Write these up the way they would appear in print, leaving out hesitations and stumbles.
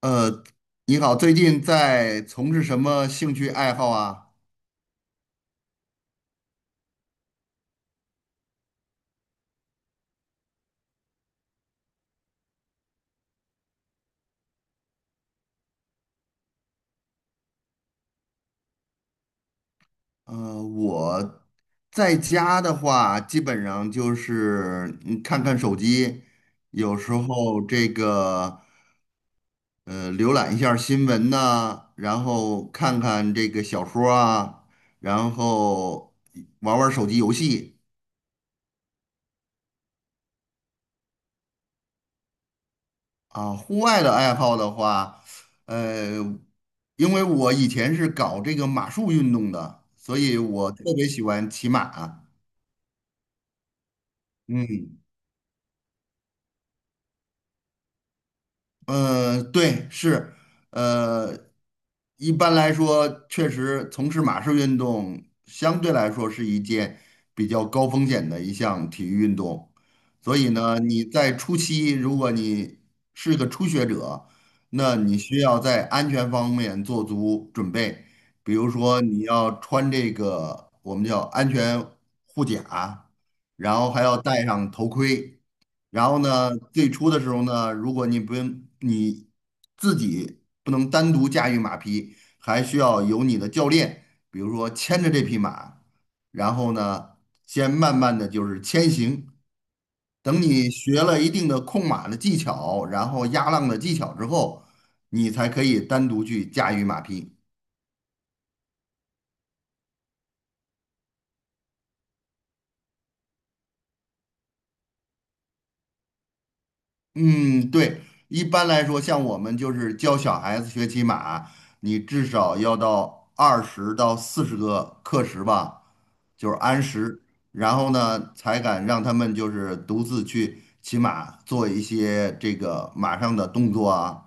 呃，你好，最近在从事什么兴趣爱好啊？我在家的话，基本上就是看看手机，有时候浏览一下新闻呐、然后看看这个小说啊，然后玩玩手机游戏。啊，户外的爱好的话，呃，因为我以前是搞这个马术运动的，所以我特别喜欢骑马啊。嗯，对，是，呃，一般来说，确实从事马术运动相对来说是一件比较高风险的一项体育运动，所以呢，你在初期，如果你是个初学者，那你需要在安全方面做足准备，比如说你要穿这个我们叫安全护甲，然后还要戴上头盔。然后呢，最初的时候呢，如果你自己不能单独驾驭马匹，还需要有你的教练，比如说牵着这匹马，然后呢，先慢慢的就是牵行。等你学了一定的控马的技巧，然后压浪的技巧之后，你才可以单独去驾驭马匹。嗯，对，一般来说，像我们就是教小孩子学骑马，你至少要到20到40个课时吧，就是按时，然后呢，才敢让他们就是独自去骑马，做一些这个马上的动作啊，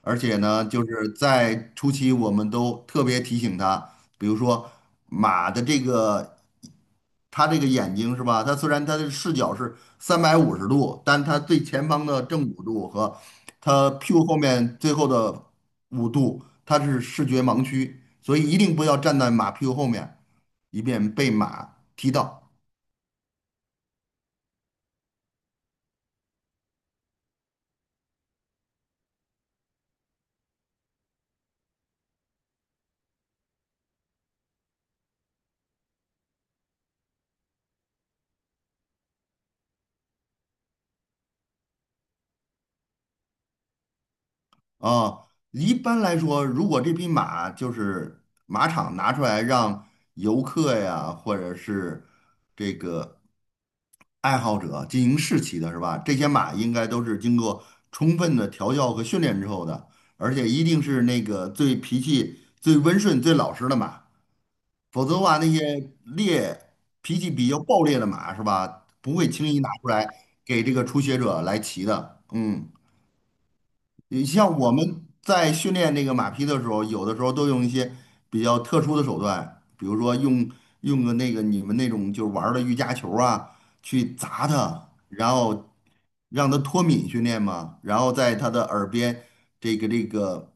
而且呢，就是在初期我们都特别提醒他，比如说马的这个，它这个眼睛是吧？它虽然它的视角是350度，但它最前方的正五度和它屁股后面最后的五度，它是视觉盲区，所以一定不要站在马屁股后面，以免被马踢到。啊，一般来说，如果这匹马就是马场拿出来让游客呀，或者是这个爱好者进行试骑的是吧？这些马应该都是经过充分的调教和训练之后的，而且一定是那个最脾气最温顺、最老实的马，否则的话，那些脾气比较暴烈的马是吧，不会轻易拿出来给这个初学者来骑的。嗯，你像我们在训练那个马匹的时候，有的时候都用一些比较特殊的手段，比如说用个那个你们那种就是玩儿的瑜伽球啊，去砸它，然后让它脱敏训练嘛，然后在它的耳边这个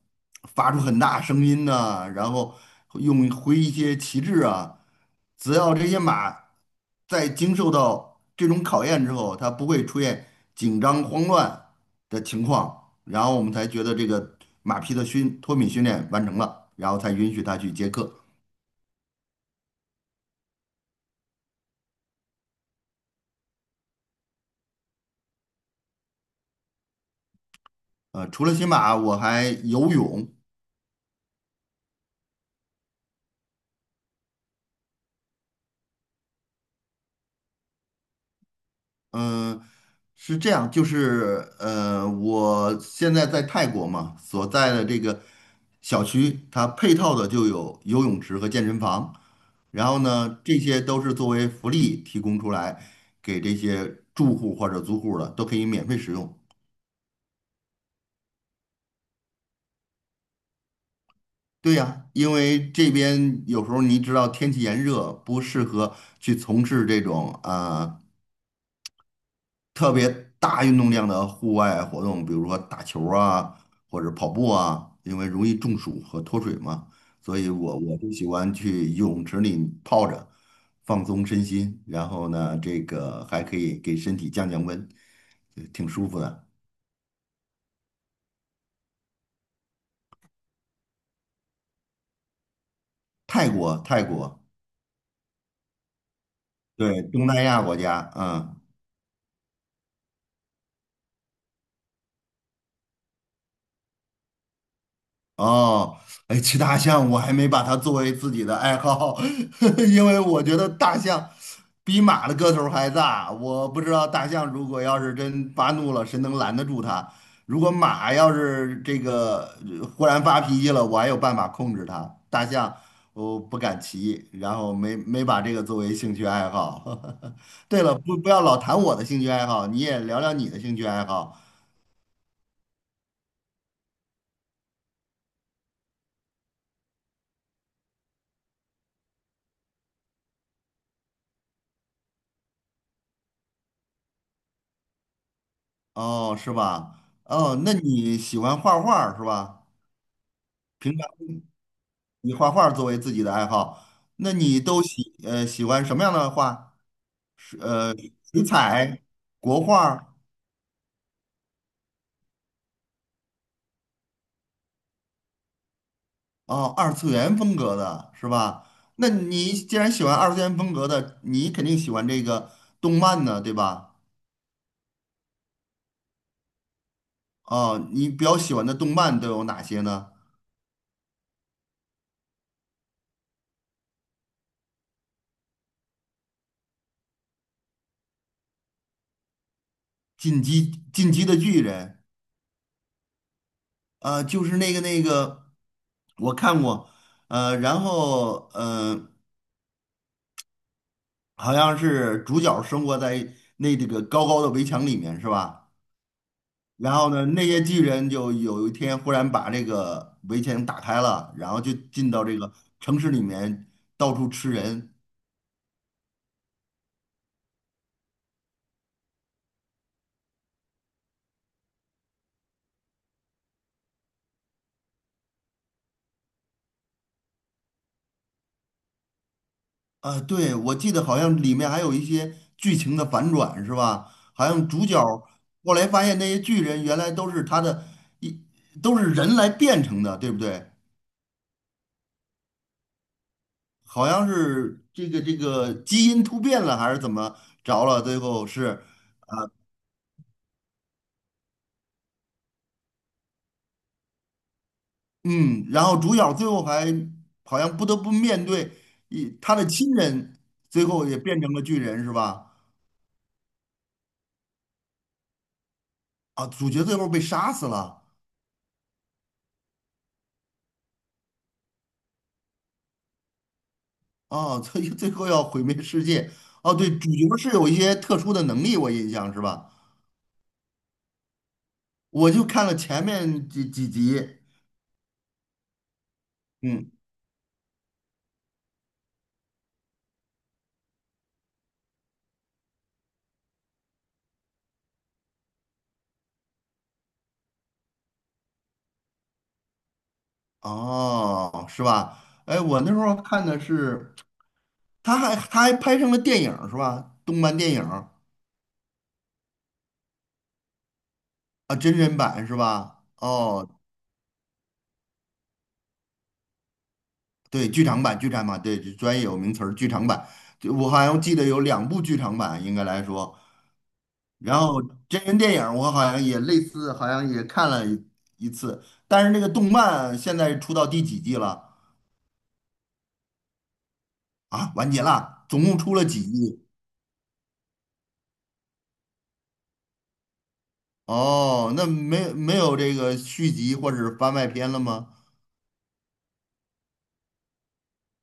发出很大声音呐、然后挥一些旗帜啊，只要这些马在经受到这种考验之后，它不会出现紧张慌乱的情况，然后我们才觉得这个马匹的脱敏训练完成了，然后才允许他去接客。除了骑马，我还游泳。嗯，是这样，就是我现在在泰国嘛，所在的这个小区，它配套的就有游泳池和健身房。然后呢，这些都是作为福利提供出来给这些住户或者租户的，都可以免费使用。对呀，因为这边有时候你知道天气炎热，不适合去从事这种啊特别大运动量的户外活动，比如说打球啊，或者跑步啊，因为容易中暑和脱水嘛。所以我就喜欢去泳池里泡着，放松身心，然后呢，这个还可以给身体降降温，挺舒服的。泰国，泰国，对，东南亚国家，嗯。哦，哎，骑大象我还没把它作为自己的爱好，因为我觉得大象比马的个头儿还大。我不知道大象如果要是真发怒了，谁能拦得住它？如果马要是忽然发脾气了，我还有办法控制它。大象我不敢骑，然后没把这个作为兴趣爱好。对了，不要老谈我的兴趣爱好，你也聊聊你的兴趣爱好。哦，是吧？哦，那你喜欢画画儿是吧？平常以画画作为自己的爱好，那你都喜欢什么样的画？是水彩、国画。哦，二次元风格的是吧？那你既然喜欢二次元风格的，你肯定喜欢这个动漫呢，对吧？哦，你比较喜欢的动漫都有哪些呢？《进击的巨人》啊、就是那个，我看过，然后好像是主角生活在这个高高的围墙里面，是吧？然后呢，那些巨人就有一天忽然把这个围墙打开了，然后就进到这个城市里面到处吃人。啊，对，我记得好像里面还有一些剧情的反转，是吧？好像主角后来发现那些巨人原来都是他的一都是人来变成的，对不对？好像是这个基因突变了还是怎么着了？最后是。嗯，然后主角最后还好像不得不面对他的亲人，最后也变成了巨人，是吧？啊，主角最后被杀死了，哦，最后要毁灭世界。哦，对，主角是有一些特殊的能力，我印象是吧？我就看了前面几集，嗯，哦，是吧？哎，我那时候看的是，他还拍成了电影儿是吧？动漫电影儿。啊，真人版是吧？哦，对，剧场版，剧场版，对，专业有名词儿，剧场版。就我好像记得有两部剧场版，应该来说。然后真人电影儿我好像也类似，好像也看了一次。但是那个动漫现在出到第几季了？啊，完结了，总共出了几季？哦，那没有这个续集或者是番外篇了吗？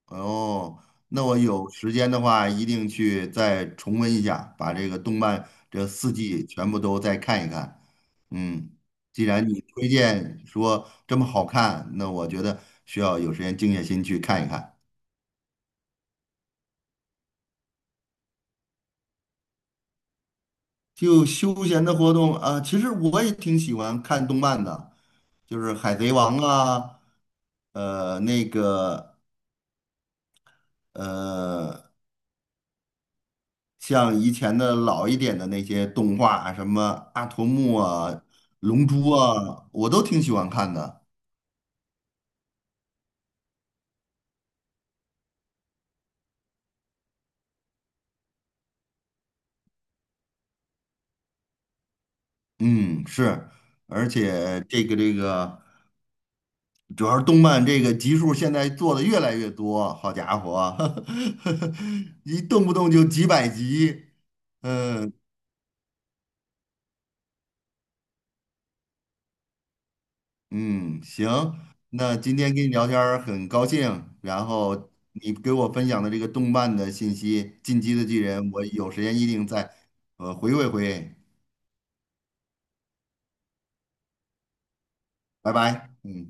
哦，那我有时间的话，一定去再重温一下，把这个动漫这四季全部都再看一看。嗯，既然你推荐说这么好看，那我觉得需要有时间静下心去看一看。就休闲的活动啊，其实我也挺喜欢看动漫的，就是《海贼王》啊，呃，那个呃像以前的老一点的那些动画啊，什么阿童木啊、龙珠啊，我都挺喜欢看的。嗯，是，而且这个，主要是动漫这个集数现在做的越来越多，好家伙，一动不动就几百集。嗯嗯，行，那今天跟你聊天儿很高兴，然后你给我分享的这个动漫的信息，《进击的巨人》，我有时间一定再回味回味。拜拜，嗯。